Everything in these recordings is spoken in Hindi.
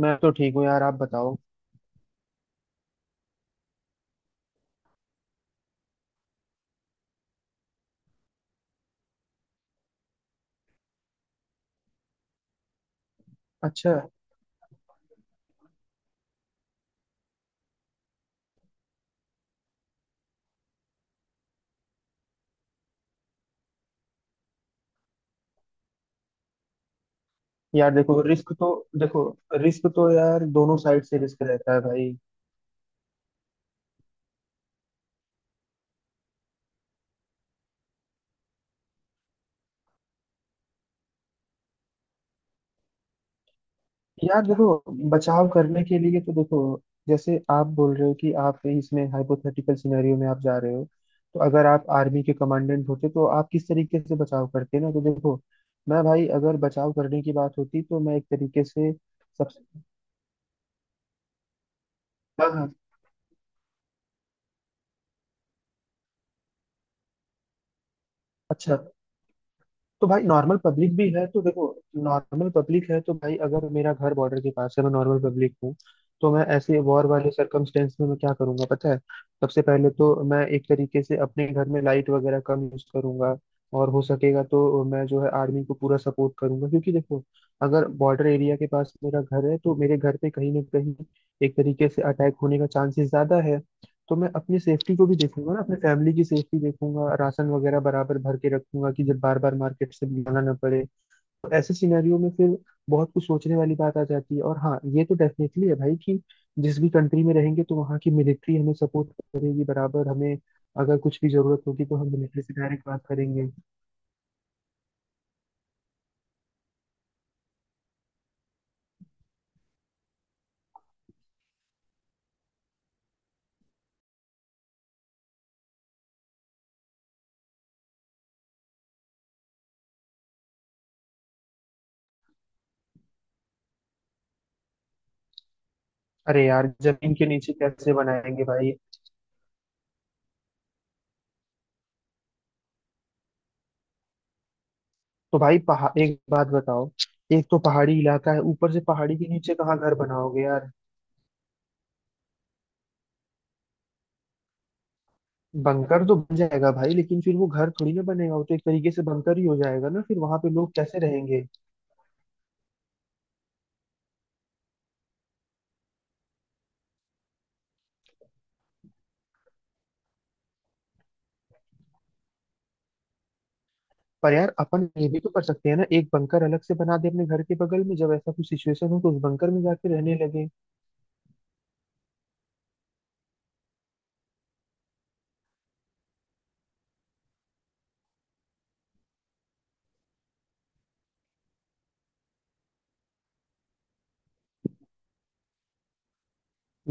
मैं तो ठीक हूँ यार। आप बताओ। अच्छा। यार देखो, देखो रिस्क तो यार दोनों साइड से रिस्क रहता है भाई। यार देखो, बचाव करने के लिए तो देखो, जैसे आप बोल रहे हो कि आप इसमें हाइपोथेटिकल सिनेरियो में आप जा रहे हो, तो अगर आप आर्मी के कमांडेंट होते तो आप किस तरीके से बचाव करते ना। तो देखो, मैं भाई अगर बचाव करने की बात होती तो मैं एक तरीके से सबसे हाँ हाँ। अच्छा। तो भाई नॉर्मल पब्लिक है तो भाई अगर मेरा घर बॉर्डर के पास है, मैं नॉर्मल पब्लिक हूँ, तो मैं ऐसे वॉर वाले सरकमस्टेंस में मैं क्या करूंगा पता है? सबसे पहले तो मैं एक तरीके से अपने घर में लाइट वगैरह कम यूज करूंगा। और हो सकेगा तो मैं जो है आर्मी को पूरा सपोर्ट करूंगा, क्योंकि देखो, अगर बॉर्डर एरिया के पास मेरा घर है तो मेरे घर पे कहीं ना कहीं एक तरीके से अटैक होने का चांसेस ज्यादा है। तो मैं अपनी सेफ्टी को भी देखूंगा ना, अपने फैमिली की सेफ्टी देखूंगा, राशन वगैरह बराबर भर के रखूंगा कि जब बार बार मार्केट से लाना ना पड़े। तो ऐसे सिनेरियो में फिर बहुत कुछ सोचने वाली बात आ जाती है। और हाँ, ये तो डेफिनेटली है भाई कि जिस भी कंट्री में रहेंगे तो वहाँ की मिलिट्री हमें सपोर्ट करेगी बराबर। हमें अगर कुछ भी जरूरत होगी तो हम मिलिट्री से डायरेक्ट बात करेंगे। अरे यार, जमीन के नीचे कैसे बनाएंगे भाई? तो भाई पहाड़ एक बात बताओ, एक तो पहाड़ी इलाका है, ऊपर से पहाड़ी के नीचे कहाँ घर बनाओगे यार? बंकर तो बन जाएगा भाई, लेकिन फिर वो घर थोड़ी ना बनेगा। वो तो एक तरीके से बंकर ही हो जाएगा ना। फिर वहां पे लोग कैसे रहेंगे? पर यार अपन ये भी तो कर सकते हैं ना, एक बंकर अलग से बना दे अपने घर के बगल में, जब ऐसा कुछ सिचुएशन हो तो उस बंकर में जाके रहने लगे।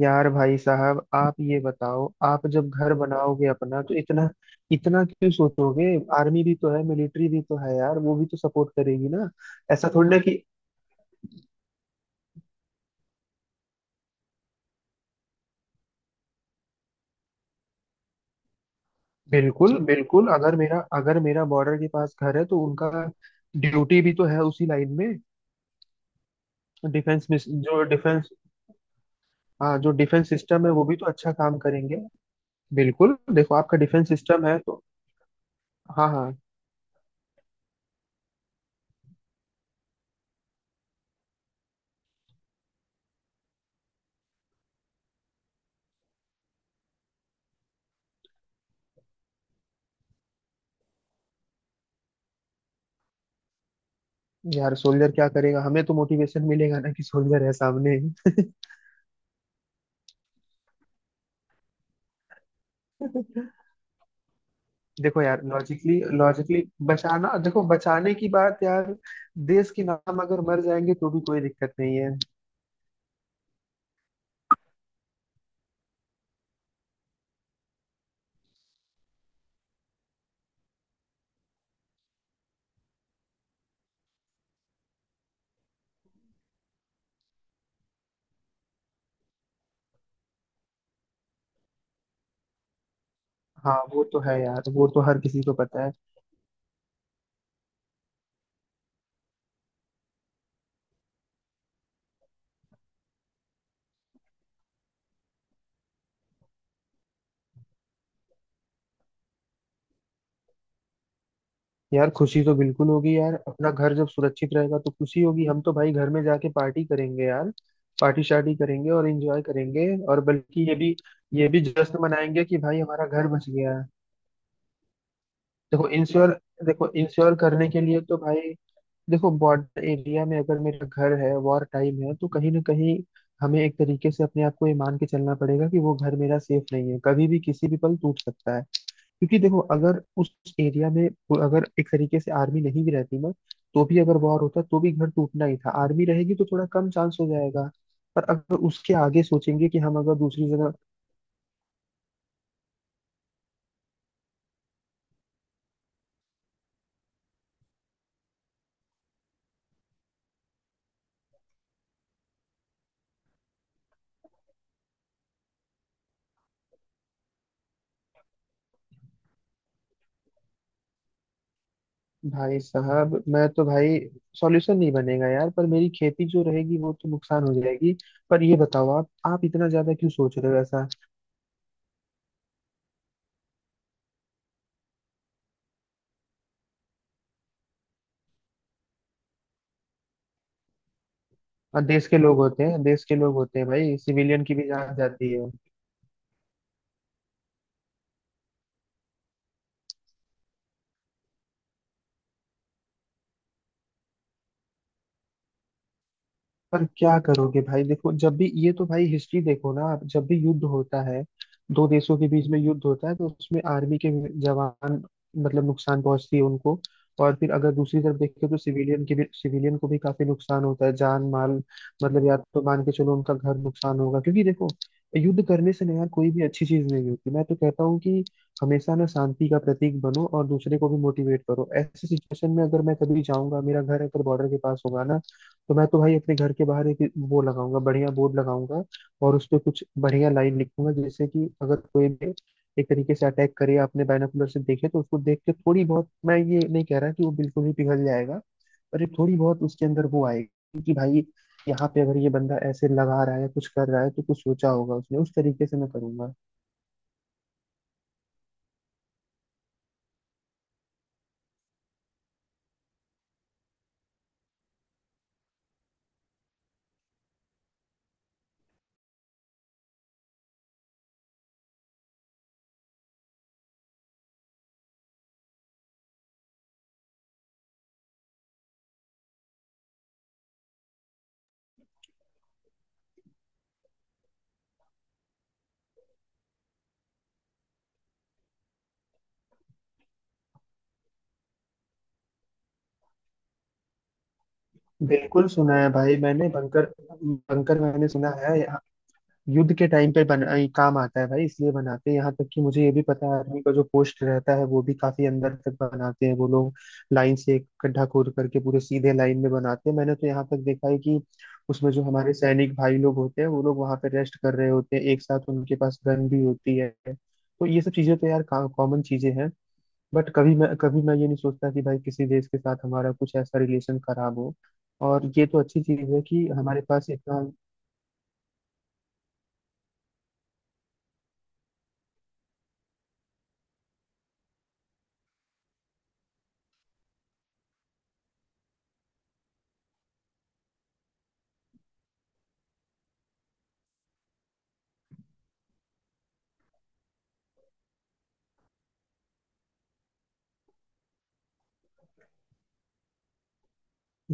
यार भाई साहब, आप ये बताओ, आप जब घर बनाओगे अपना तो इतना इतना क्यों सोचोगे? आर्मी भी तो है, मिलिट्री भी तो है यार, वो भी तो सपोर्ट करेगी ना। ऐसा थोड़ी ना कि बिल्कुल बिल्कुल। अगर मेरा बॉर्डर के पास घर है तो उनका ड्यूटी भी तो है उसी लाइन में। डिफेंस मिस जो डिफेंस हाँ, जो डिफेंस सिस्टम है वो भी तो अच्छा काम करेंगे। बिल्कुल देखो, आपका डिफेंस सिस्टम है तो हाँ हाँ। यार सोल्जर क्या करेगा? हमें तो मोटिवेशन मिलेगा ना कि सोल्जर है सामने। देखो यार, लॉजिकली लॉजिकली बचाना देखो बचाने की बात यार, देश के नाम अगर मर जाएंगे तो भी कोई दिक्कत नहीं है। हाँ, वो तो है यार, वो तो हर किसी को पता है। यार खुशी तो बिल्कुल होगी यार, अपना घर जब सुरक्षित रहेगा तो खुशी होगी। हम तो भाई घर में जाके पार्टी करेंगे यार। पार्टी शार्टी करेंगे और एंजॉय करेंगे, और बल्कि ये भी जश्न मनाएंगे कि भाई हमारा घर बच गया है। देखो इंश्योर देखो, इंश्योर करने के लिए तो भाई देखो, बॉर्डर एरिया में अगर मेरा घर है, वॉर टाइम है, तो कहीं ना कहीं हमें एक तरीके से अपने आप को ये मान के चलना पड़ेगा कि वो घर मेरा सेफ नहीं है, कभी भी किसी भी पल टूट सकता है। क्योंकि देखो, अगर उस एरिया में वो अगर एक तरीके से आर्मी नहीं भी रहती ना, तो भी अगर वॉर होता तो भी घर टूटना ही था। आर्मी रहेगी तो थोड़ा कम चांस हो जाएगा। पर अगर उसके आगे सोचेंगे कि हम अगर दूसरी जगह भाई साहब मैं तो भाई सॉल्यूशन नहीं बनेगा यार, पर मेरी खेती जो रहेगी वो तो नुकसान हो जाएगी। पर ये बताओ, आप इतना ज्यादा क्यों सोच रहे हो ऐसा? और देश के लोग होते हैं, देश के लोग होते हैं भाई, सिविलियन की भी जान जाती है। पर क्या करोगे भाई? देखो जब भी ये तो भाई हिस्ट्री देखो ना, आप जब भी युद्ध होता है दो देशों के बीच में युद्ध होता है, तो उसमें आर्मी के जवान, मतलब नुकसान पहुंचती है उनको। और फिर अगर दूसरी तरफ देखें तो सिविलियन के भी, सिविलियन को भी काफी नुकसान होता है, जान माल मतलब। या तो मान के चलो उनका घर नुकसान होगा, क्योंकि देखो, युद्ध करने से ना यार कोई भी अच्छी चीज नहीं होती। मैं तो कहता हूँ कि हमेशा ना शांति का प्रतीक बनो और दूसरे को भी मोटिवेट करो। ऐसी सिचुएशन में अगर मैं कभी जाऊंगा, मेरा घर अगर बॉर्डर के पास होगा ना, तो मैं तो भाई अपने घर के बाहर एक वो लगाऊंगा, बढ़िया बोर्ड लगाऊंगा। और उस पे कुछ बढ़िया लाइन लिखूंगा, जैसे कि अगर कोई भी एक तरीके से अटैक करे, आपने बायनोकुलर से देखे, तो उसको देख के थोड़ी बहुत, मैं ये नहीं कह रहा कि वो बिल्कुल ही पिघल जाएगा, पर ये थोड़ी बहुत उसके अंदर वो आएगी कि भाई यहाँ पे अगर ये बंदा ऐसे लगा रहा है, कुछ कर रहा है तो कुछ सोचा होगा उसने। उस तरीके से मैं करूंगा। बिल्कुल सुना है भाई, मैंने बंकर बंकर मैंने सुना है। युद्ध के टाइम पे बना ये काम आता है भाई, इसलिए बनाते हैं। यहाँ तक कि मुझे ये भी पता है, आर्मी का जो पोस्ट रहता है वो भी काफी अंदर तक बनाते हैं वो लोग। लाइन से एक गड्ढा खोद करके पूरे सीधे लाइन में बनाते हैं। मैंने तो यहाँ तक देखा है कि उसमें जो हमारे सैनिक भाई लोग होते हैं, वो लोग वहां पे रेस्ट कर रहे होते हैं एक साथ, उनके पास गन भी होती है। तो ये सब चीजें तो यार कॉमन चीजें हैं। बट कभी मैं ये नहीं सोचता कि भाई किसी देश के साथ हमारा कुछ ऐसा रिलेशन खराब हो। और ये तो अच्छी चीज है कि हमारे पास इतना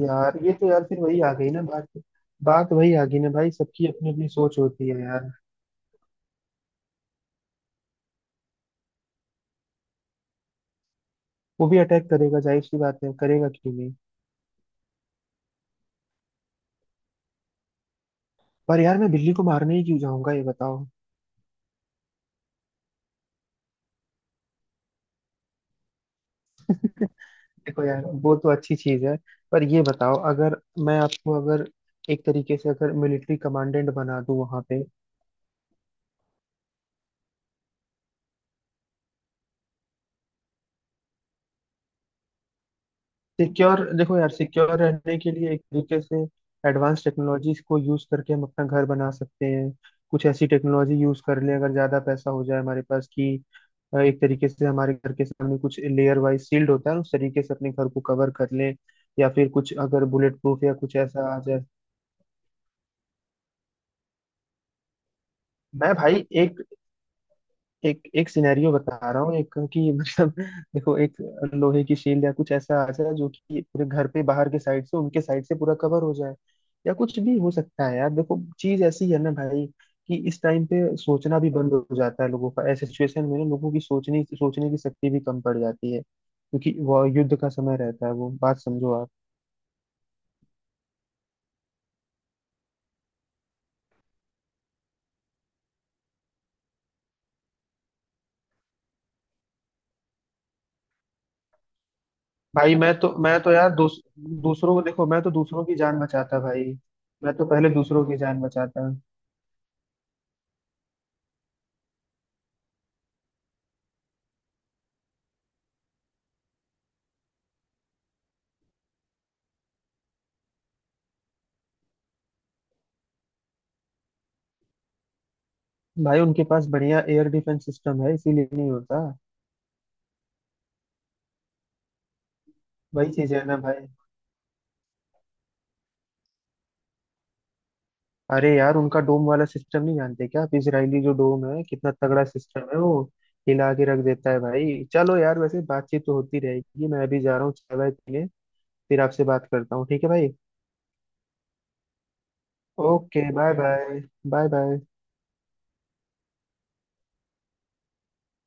यार। ये तो यार फिर वही आ गई ना बात। बात वही आ गई ना भाई, सबकी अपनी अपनी सोच होती है यार। वो भी अटैक करेगा, जाहिर सी बात है, करेगा क्यों नहीं? पर यार मैं बिल्ली को मारने ही क्यों जाऊंगा? ये बताओ। देखो यार, वो तो अच्छी चीज है। पर ये बताओ, अगर मैं आपको अगर एक तरीके से अगर मिलिट्री कमांडेंट बना दूं वहां पे। सिक्योर देखो यार, सिक्योर रहने के लिए एक तरीके से एडवांस टेक्नोलॉजीज को यूज करके हम अपना घर बना सकते हैं। कुछ ऐसी टेक्नोलॉजी यूज कर लें अगर ज्यादा पैसा हो जाए हमारे पास कि एक तरीके से हमारे घर के सामने कुछ लेयर वाइज सील्ड होता है, उस तरीके से अपने घर को कवर कर लें। या फिर कुछ अगर बुलेट प्रूफ या कुछ ऐसा आ जाए। मैं भाई एक एक एक सिनेरियो बता रहा हूँ, एक कि मतलब देखो, एक लोहे की शील्ड या कुछ ऐसा आ जाए जो कि पूरे घर पे बाहर के साइड से उनके साइड से पूरा कवर हो जाए। या कुछ भी हो सकता है यार। देखो चीज ऐसी है ना भाई, कि इस टाइम पे सोचना भी बंद हो जाता है लोगों का। ऐसे सिचुएशन में ना लोगों की सोचने सोचने की शक्ति भी कम पड़ जाती है, क्योंकि वो युद्ध का समय रहता है। वो बात समझो आप। भाई मैं तो यार दूसरों को देखो, मैं तो दूसरों की जान बचाता भाई। मैं तो पहले दूसरों की जान बचाता भाई। उनके पास बढ़िया एयर डिफेंस सिस्टम है, इसीलिए नहीं होता। वही चीज है ना भाई। अरे यार, उनका डोम वाला सिस्टम नहीं जानते क्या आप? इजरायली जो डोम है, कितना तगड़ा सिस्टम है वो, हिला के रख देता है भाई। चलो यार, वैसे बातचीत तो होती रहेगी, मैं अभी जा रहा हूँ चाय वाय पीने। फिर आपसे बात करता हूँ, ठीक है भाई? Okay, bye bye. Bye bye.